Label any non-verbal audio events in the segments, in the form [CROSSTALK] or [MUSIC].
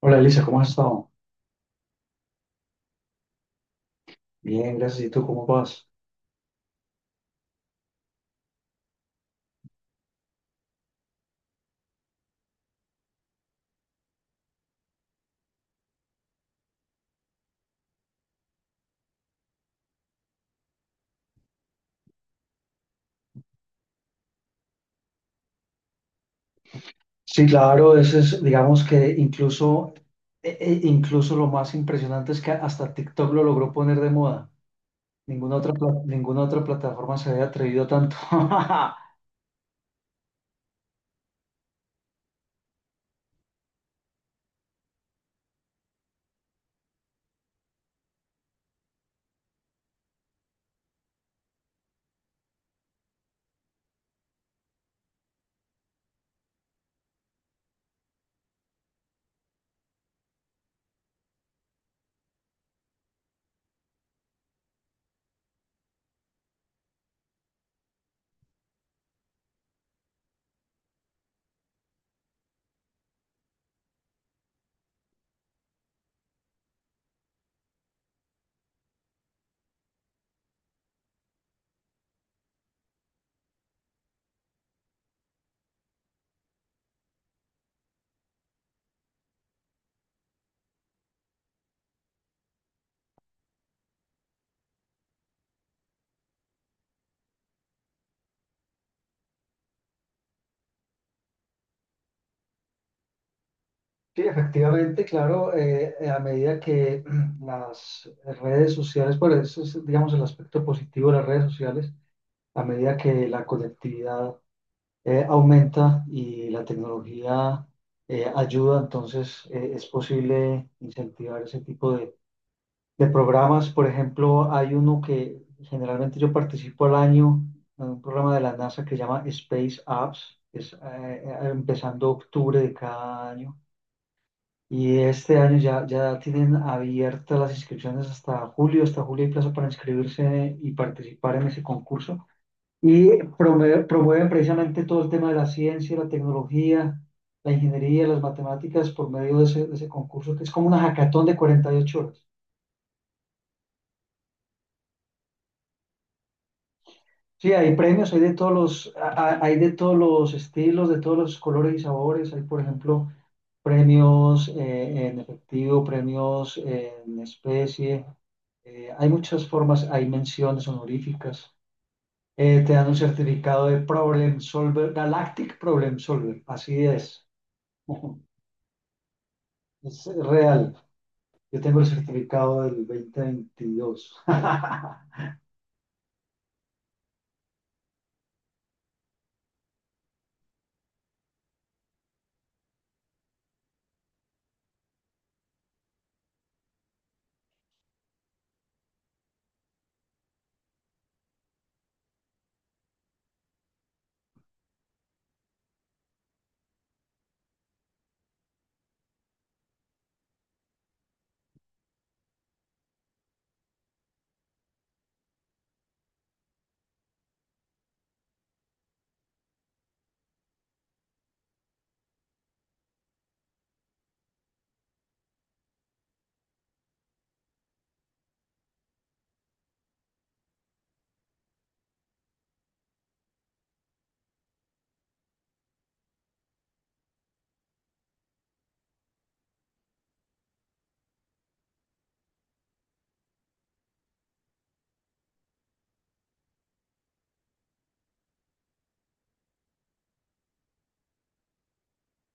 Hola Elisa, ¿cómo has estado? Bien, gracias. ¿Y tú cómo vas? Sí, claro, eso es, digamos que incluso, incluso lo más impresionante es que hasta TikTok lo logró poner de moda. Ninguna otra, ninguna otra plataforma se había atrevido tanto. [LAUGHS] Sí, efectivamente, claro, a medida que [CLEARS THROAT] las redes sociales, bueno, eso es, digamos, el aspecto positivo de las redes sociales, a medida que la conectividad aumenta y la tecnología ayuda, entonces es posible incentivar ese tipo de programas. Por ejemplo, hay uno que generalmente yo participo al año, en un programa de la NASA que se llama Space Apps, que es empezando octubre de cada año. Y este año ya, ya tienen abiertas las inscripciones hasta julio hay plazo para inscribirse y participar en ese concurso. Y promueven precisamente todo el tema de la ciencia, la tecnología, la ingeniería, las matemáticas por medio de ese concurso, que es como una hackathon de 48 horas. Sí, hay premios, hay de todos los, hay de todos los estilos, de todos los colores y sabores. Hay, por ejemplo, premios en efectivo, premios en especie. Hay muchas formas, hay menciones honoríficas. Te dan un certificado de Problem Solver, Galactic Problem Solver, así es real. Yo tengo el certificado del 2022. [LAUGHS]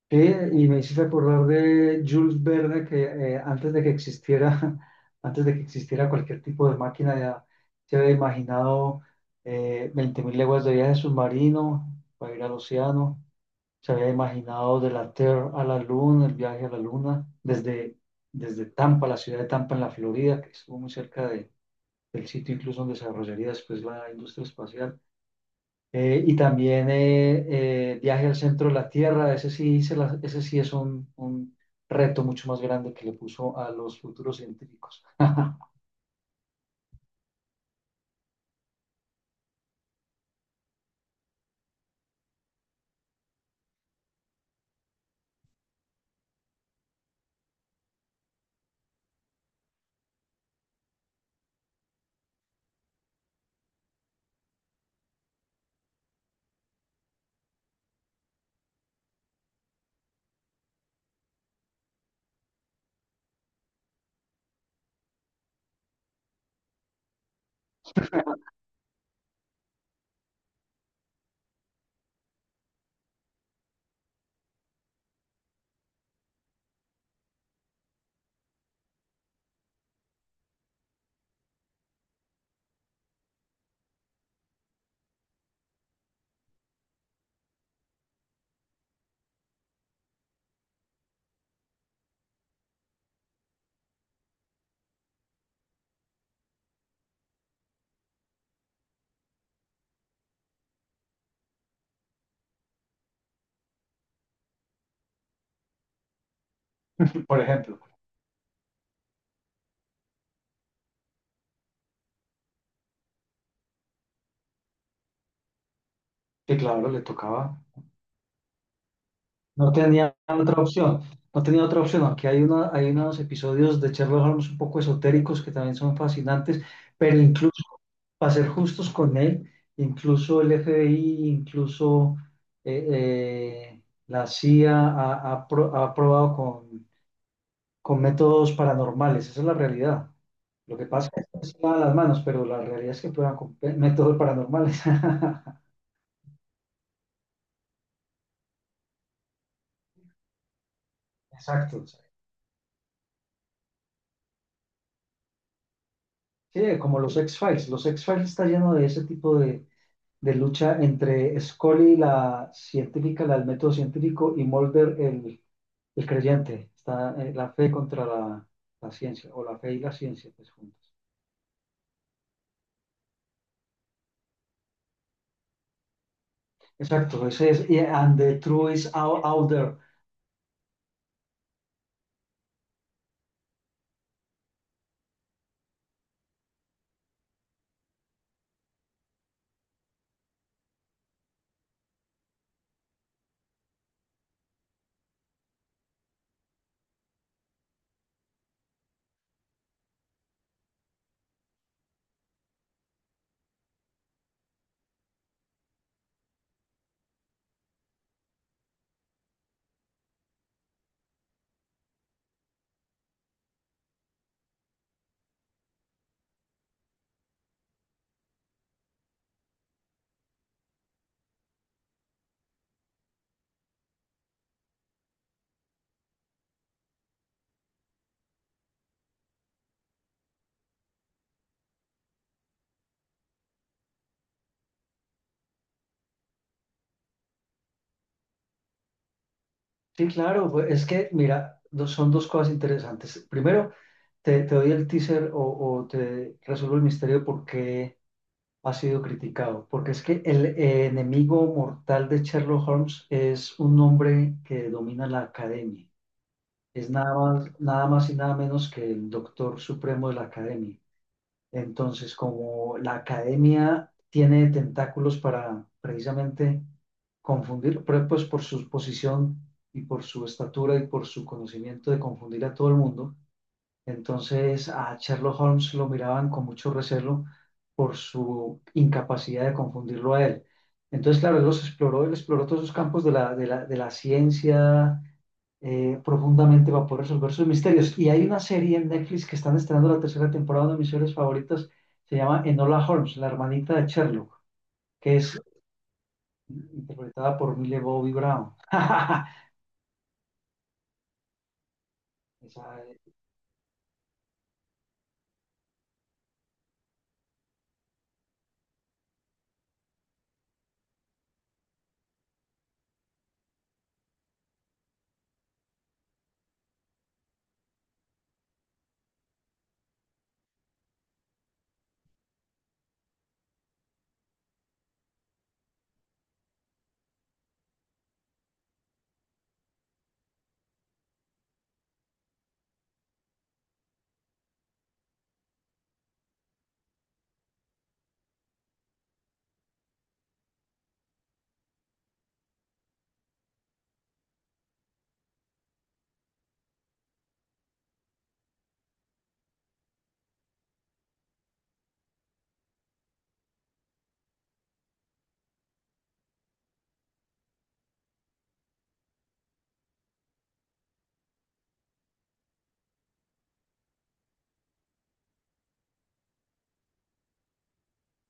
Sí, y me hice recordar de Jules Verne que antes de que existiera, [LAUGHS] antes de que existiera cualquier tipo de máquina, ya se había imaginado 20.000 leguas de viaje submarino para ir al océano. Se había imaginado de la Tierra a la Luna, el viaje a la Luna, desde, desde Tampa, la ciudad de Tampa en la Florida, que estuvo muy cerca del sitio incluso donde se desarrollaría después la industria espacial. Y también Viaje al centro de la Tierra, ese sí, ese sí es un reto mucho más grande que le puso a los futuros científicos. [LAUGHS] Por ejemplo, que claro, le tocaba, no tenía otra opción, no tenía otra opción, aunque hay, una, hay unos episodios de Sherlock Holmes un poco esotéricos que también son fascinantes, pero incluso, para ser justos con él, incluso el FBI, incluso eh, eh, la CIA ha probado con métodos paranormales, esa es la realidad. Lo que pasa es que se lavan las manos, pero la realidad es que prueban métodos paranormales. [LAUGHS] Exacto. Sí, como los X-Files. Los X-Files está lleno de ese tipo de lucha entre Scully, la científica, la del método científico, y Mulder, el creyente. Está la fe contra la, la ciencia, o la fe y la ciencia, pues juntas. Exacto, ese es, yeah, and the truth is out, out there. Sí, claro, pues, es que, mira, son dos cosas interesantes. Primero, te doy el teaser o te resuelvo el misterio de por qué ha sido criticado. Porque es que el enemigo mortal de Sherlock Holmes es un hombre que domina la academia. Es nada más, nada más y nada menos que el doctor supremo de la academia. Entonces, como la academia tiene tentáculos para precisamente confundir, pero pues por su posición y por su estatura y por su conocimiento de confundir a todo el mundo, entonces a Sherlock Holmes lo miraban con mucho recelo por su incapacidad de confundirlo a él. Entonces, claro, él los exploró, él exploró todos esos campos de la, de la, de la ciencia, profundamente va a poder resolver sus misterios. Y hay una serie en Netflix que están estrenando la tercera temporada, una de mis series favoritas, se llama Enola Holmes, la hermanita de Sherlock, que es interpretada por Millie Bobby Brown. [LAUGHS] Esa.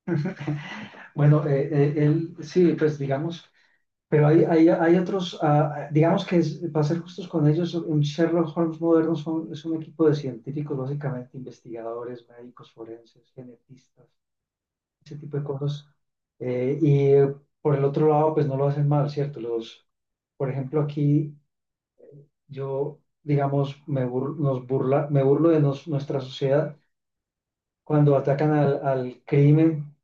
[LAUGHS] Bueno, él sí, pues digamos, pero hay otros, digamos que para ser justos con ellos, un Sherlock Holmes moderno son, es un equipo de científicos, básicamente investigadores, médicos forenses, genetistas ese tipo de cosas. Y por el otro lado, pues no lo hacen mal, ¿cierto? Los, por ejemplo, aquí yo, digamos, me, nos burla, me burlo de nuestra sociedad cuando atacan al, al crimen.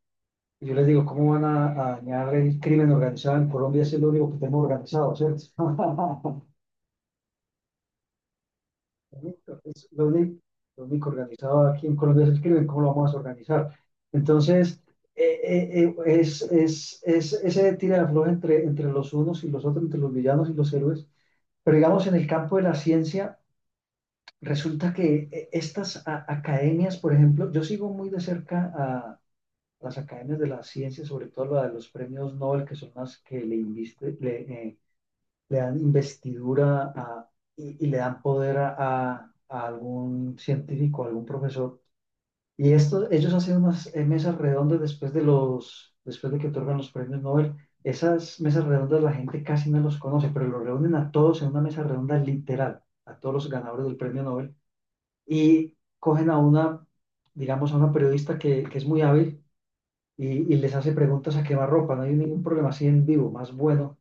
Yo les digo, ¿cómo van a dañar el crimen organizado en Colombia? Ese es lo único que tenemos organizado, ¿cierto? [LAUGHS] Correcto, es lo único organizado aquí en Colombia es el crimen, ¿cómo lo vamos a organizar? Entonces, eh, eh, eh, es ese tira de afloja entre, entre los unos y los otros, entre los villanos y los héroes. Pero digamos, en el campo de la ciencia, resulta que estas academias, por ejemplo, yo sigo muy de cerca a las academias de la ciencia, sobre todo la de los premios Nobel, que son las que le, le, le dan investidura y le dan poder a, a algún científico, a algún profesor. Y esto, ellos hacen unas mesas redondas después de los, después de que otorgan los premios Nobel. Esas mesas redondas la gente casi no los conoce, pero los reúnen a todos en una mesa redonda literal, a todos los ganadores del premio Nobel, y cogen a una, digamos, a una periodista que es muy hábil y, y les hace preguntas a quemarropa, no hay ningún problema así en vivo, más bueno,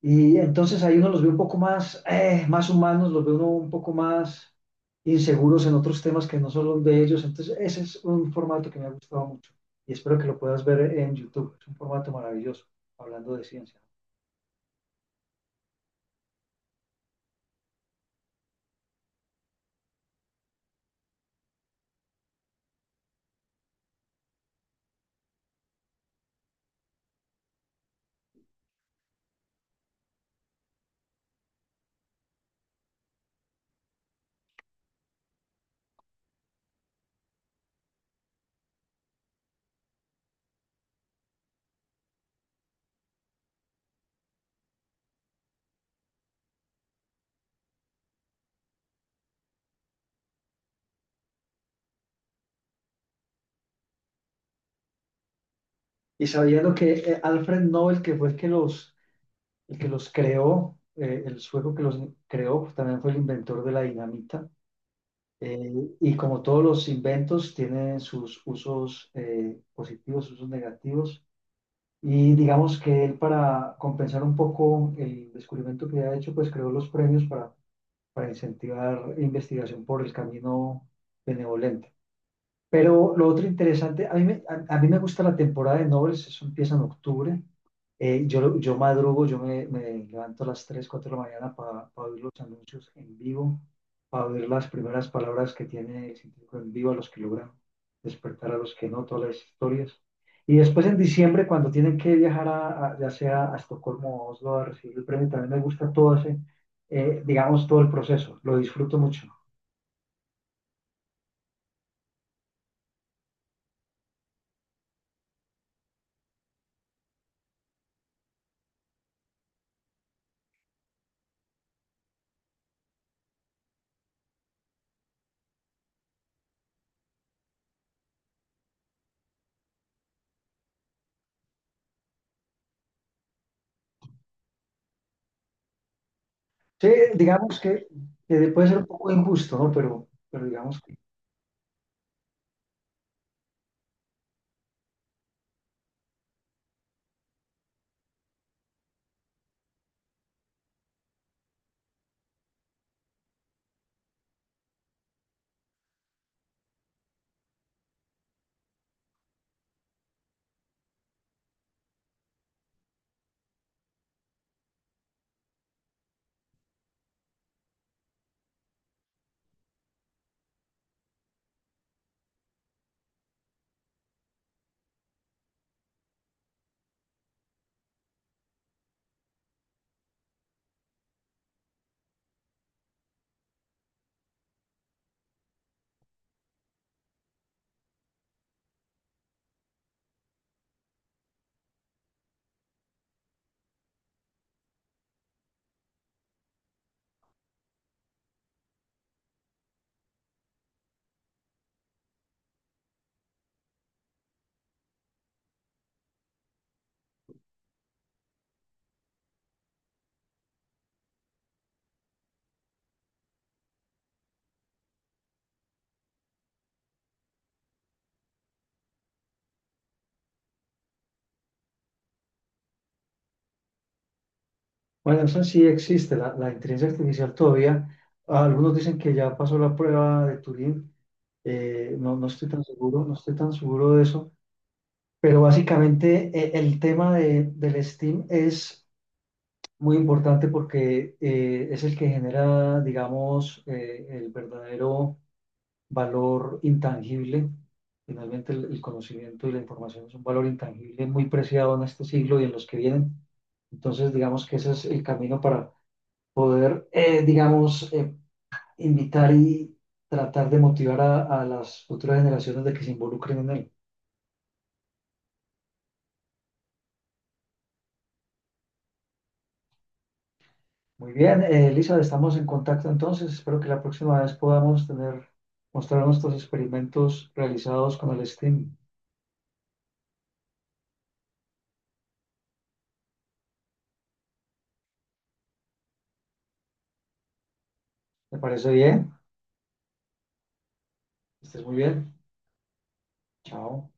y entonces ahí uno los ve un poco más, más humanos, los ve uno un poco más inseguros en otros temas que no son los de ellos. Entonces ese es un formato que me ha gustado mucho y espero que lo puedas ver en YouTube. Es un formato maravilloso, hablando de ciencia. Y sabiendo que Alfred Nobel, que fue el que los creó, el sueco que los creó, pues, también fue el inventor de la dinamita. Eh, y como todos los inventos, tienen sus usos positivos, usos negativos. Y digamos que él para compensar un poco el descubrimiento que había hecho, pues creó los premios para incentivar investigación por el camino benevolente. Pero lo otro interesante, a mí me gusta la temporada de nobles, eso empieza en octubre. Yo, yo madrugo, yo me, me levanto a las 3 4 de la mañana para oír los anuncios en vivo, para oír las primeras palabras que tiene el científico en vivo, a los que logran despertar, a los que no, todas las historias. Y después en diciembre, cuando tienen que viajar a, ya sea a Estocolmo o a Oslo a recibir el premio, también me gusta todo ese, digamos, todo el proceso, lo disfruto mucho. Sí, digamos que puede ser un poco injusto, ¿no? Pero digamos que, bueno, eso sí existe, la inteligencia artificial todavía. Algunos dicen que ya pasó la prueba de Turing, no, no estoy tan seguro, no estoy tan seguro de eso, pero básicamente el tema de, del STEAM es muy importante porque es el que genera, digamos, el verdadero valor intangible. Finalmente, el conocimiento y la información es un valor intangible muy preciado en este siglo y en los que vienen. Entonces, digamos que ese es el camino para, digamos, invitar y tratar de motivar a las futuras generaciones de que se involucren en él. Muy bien, Elizabeth, estamos en contacto entonces. Espero que la próxima vez podamos tener, mostrar nuestros experimentos realizados con el STEAM. ¿Te parece bien? Estés muy bien. Chao.